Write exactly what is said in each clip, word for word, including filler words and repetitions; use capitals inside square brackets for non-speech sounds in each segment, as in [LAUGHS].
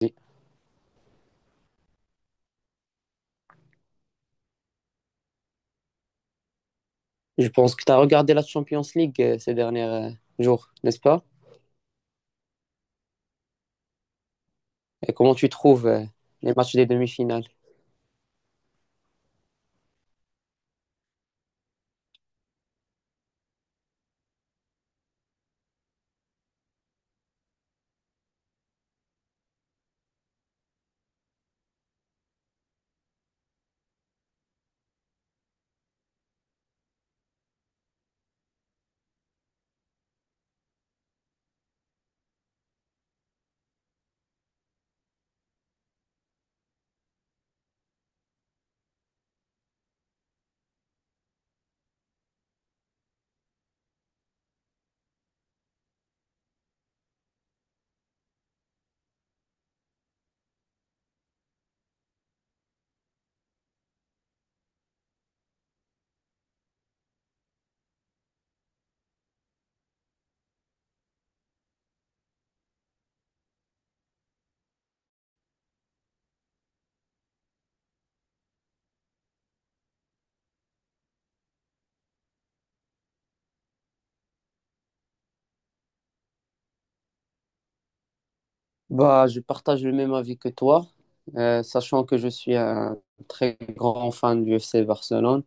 Je pense que tu as regardé la Champions League euh, ces derniers euh, jours, n'est-ce pas? Et comment tu trouves euh, les matchs des demi-finales? Bah, je partage le même avis que toi, euh, sachant que je suis un très grand fan du F C Barcelone.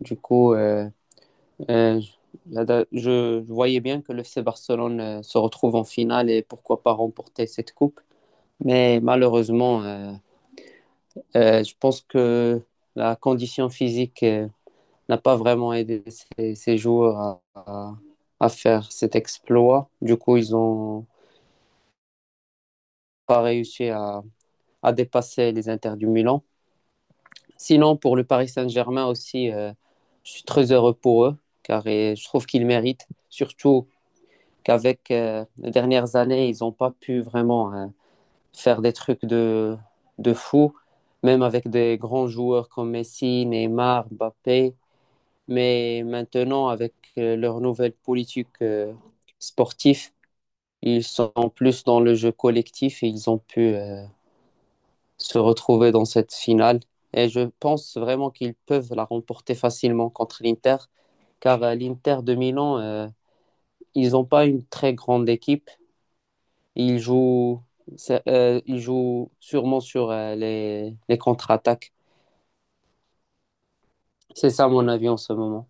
Du coup, euh, euh, je, je voyais bien que le F C Barcelone euh, se retrouve en finale et pourquoi pas remporter cette coupe. Mais malheureusement, euh, euh, je pense que la condition physique euh, n'a pas vraiment aidé ses, ses joueurs à, à- à faire cet exploit. Du coup, ils n'ont pas réussi à, à dépasser les Inter du Milan. Sinon, pour le Paris Saint-Germain aussi, euh, je suis très heureux pour eux, car euh, je trouve qu'ils méritent, surtout qu'avec euh, les dernières années, ils n'ont pas pu vraiment euh, faire des trucs de, de fou, même avec des grands joueurs comme Messi, Neymar, Mbappé. Mais maintenant, avec euh, leur nouvelle politique euh, sportive, ils sont plus dans le jeu collectif et ils ont pu euh, se retrouver dans cette finale. Et je pense vraiment qu'ils peuvent la remporter facilement contre l'Inter, car euh, l'Inter de Milan, euh, ils n'ont pas une très grande équipe. Ils jouent, c'est- euh, ils jouent sûrement sur euh, les, les contre-attaques. C'est ça mon avis en ce moment.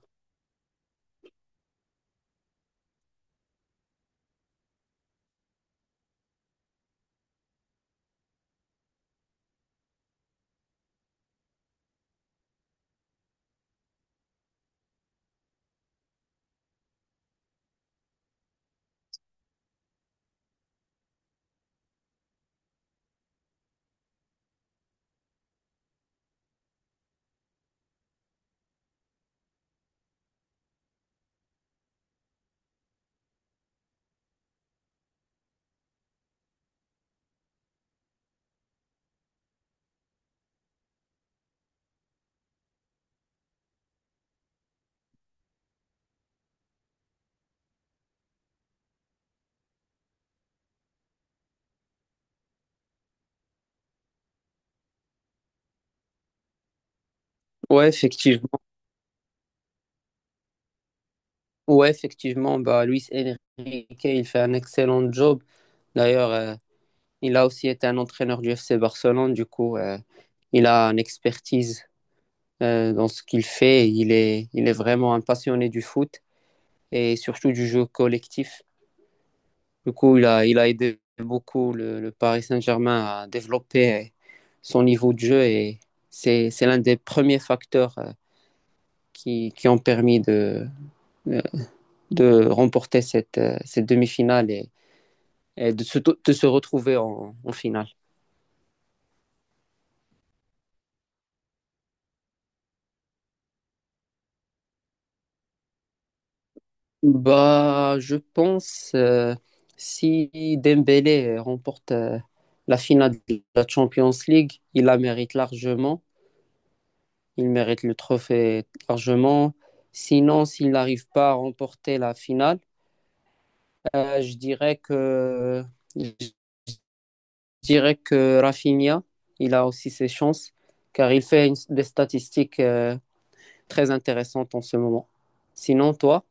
Ouais, effectivement. Ouais, effectivement, bah, Luis Enrique, il fait un excellent job. D'ailleurs, euh, il a aussi été un entraîneur du F C Barcelone. Du coup, euh, il a une expertise euh, dans ce qu'il fait. Il est, il est vraiment un passionné du foot et surtout du jeu collectif. Du coup, il a, il a aidé beaucoup le, le Paris Saint-Germain à développer euh, son niveau de jeu et c'est, c'est l'un des premiers facteurs euh, qui, qui ont permis de, euh, de remporter cette, euh, cette demi-finale. Et, et de se, de se retrouver en, en finale. Bah, je pense euh, si Dembélé remporte euh, la finale de la Champions League, il la mérite largement. Il mérite le trophée largement. Sinon, s'il n'arrive pas à remporter la finale, euh, je dirais que je dirais que Rafinha, il a aussi ses chances car il fait une- des statistiques euh, très intéressantes en ce moment. Sinon, toi?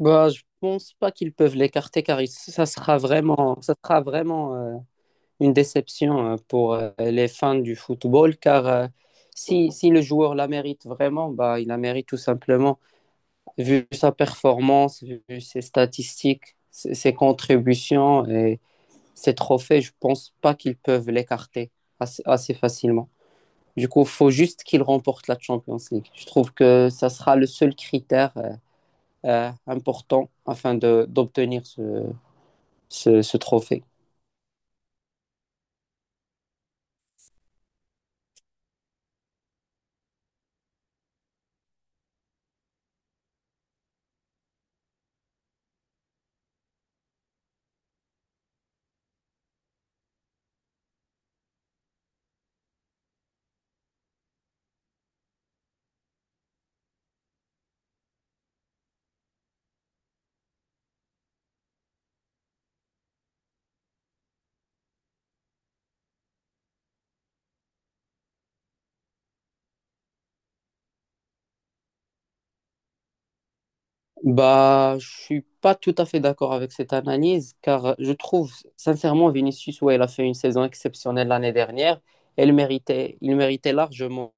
Bah, je pense pas qu'ils peuvent l'écarter car il- ça sera vraiment, ça sera vraiment euh, une déception euh, pour euh, les fans du football car euh, si, si le joueur la mérite vraiment, bah, il la mérite tout simplement vu sa performance, vu vu ses statistiques, ses, ses contributions et ses trophées, je pense pas qu'ils peuvent l'écarter assez, assez facilement. Du coup, faut juste qu'il remporte la Champions League. Je trouve que ça sera le seul critère euh, euh, important afin de- d'obtenir ce, ce- ce trophée. Bah, je ne suis pas tout à fait d'accord avec cette analyse, car je trouve sincèrement Vinicius, ouais, il a fait une saison exceptionnelle l'année dernière, et il méritait, il méritait largement.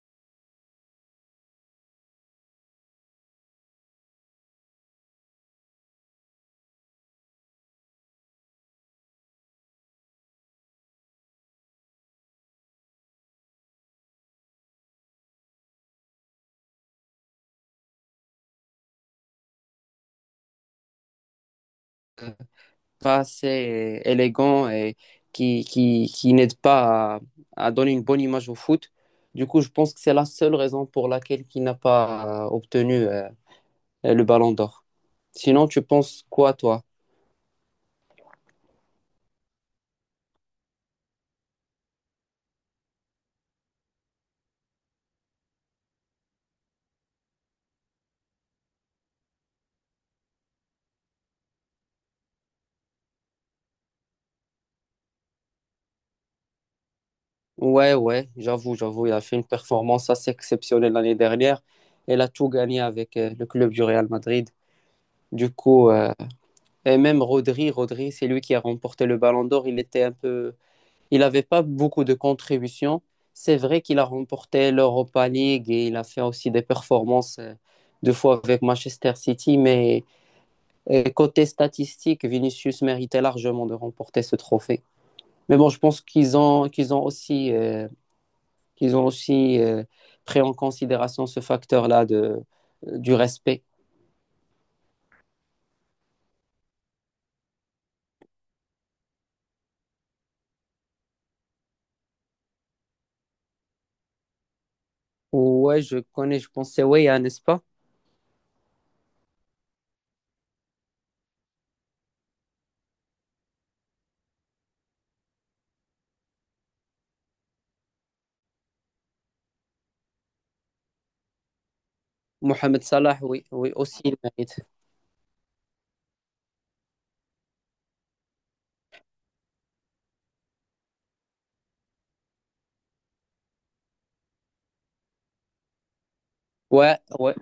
Pas assez élégant et qui, qui, qui n'aide pas à, à donner une bonne image au foot. Du coup, je pense que c'est la seule raison pour laquelle il n'a pas euh, obtenu euh, le ballon d'or. Sinon, tu penses quoi, toi? Ouais, ouais, j'avoue, j'avoue, il a fait une performance assez exceptionnelle l'année dernière. Elle a tout gagné avec euh, le club du Real Madrid. Du coup, euh, et même Rodri, Rodri, c'est lui qui a remporté le Ballon d'Or. Il était un peu, il n'avait pas beaucoup de contributions. C'est vrai qu'il a remporté l'Europa League et il a fait aussi des performances euh, deux fois avec Manchester City. Mais euh, côté statistique, Vinicius méritait largement de remporter ce trophée. Mais bon, je pense qu'ils ont, qu'ils ont aussi. euh, qu'ils ont aussi euh, pris en considération ce facteur-là de, du respect. Ouais, je connais, je pense, c'est Weya, n'est-ce pas? Mohamed Salah, oui, oui, aussi il mérite. Ouais, ouais.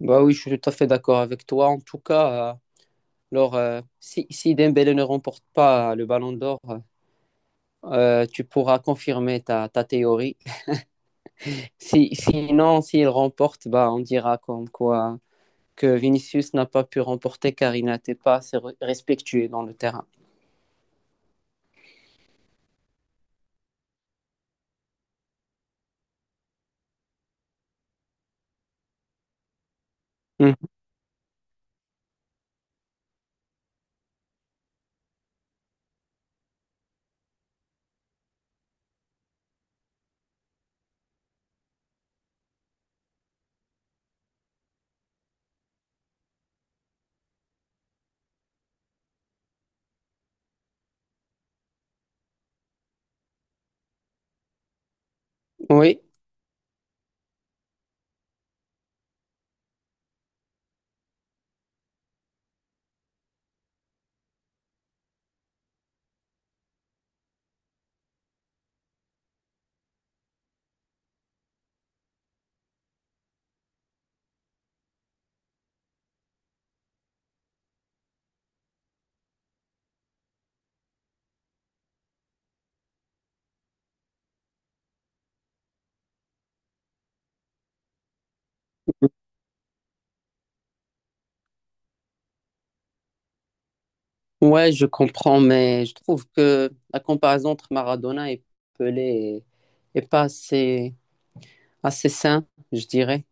Bah oui, je suis tout à fait d'accord avec toi. En tout cas, euh, alors, euh, si, si Dembélé ne remporte pas le Ballon d'Or, euh, tu pourras confirmer ta, ta théorie. [LAUGHS] Si, sinon, s'il remporte, bah, on dira comme quoi que Vinicius n'a pas pu remporter car il n'était pas assez re- respectué dans le terrain. Mm. Oui, ouais, je comprends, mais je trouve que la comparaison entre Maradona et Pelé est, est pas assez, assez sain, je dirais.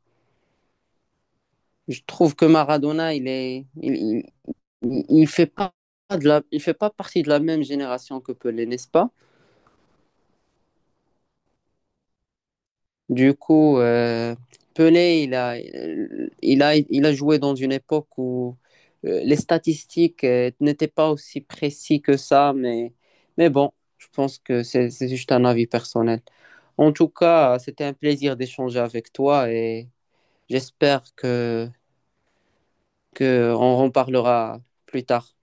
Je trouve que Maradona, il est, il, il, il fait pas de la, il fait pas partie de la même génération que Pelé, n'est-ce pas? Du coup, euh, Pelé, il a, il a, il a joué dans une époque où euh, les statistiques euh, n'étaient pas aussi précises que ça, mais, mais bon, je pense que c'est c'est juste un avis personnel. En tout cas, c'était un plaisir d'échanger avec toi et j'espère que, que on en reparlera plus tard.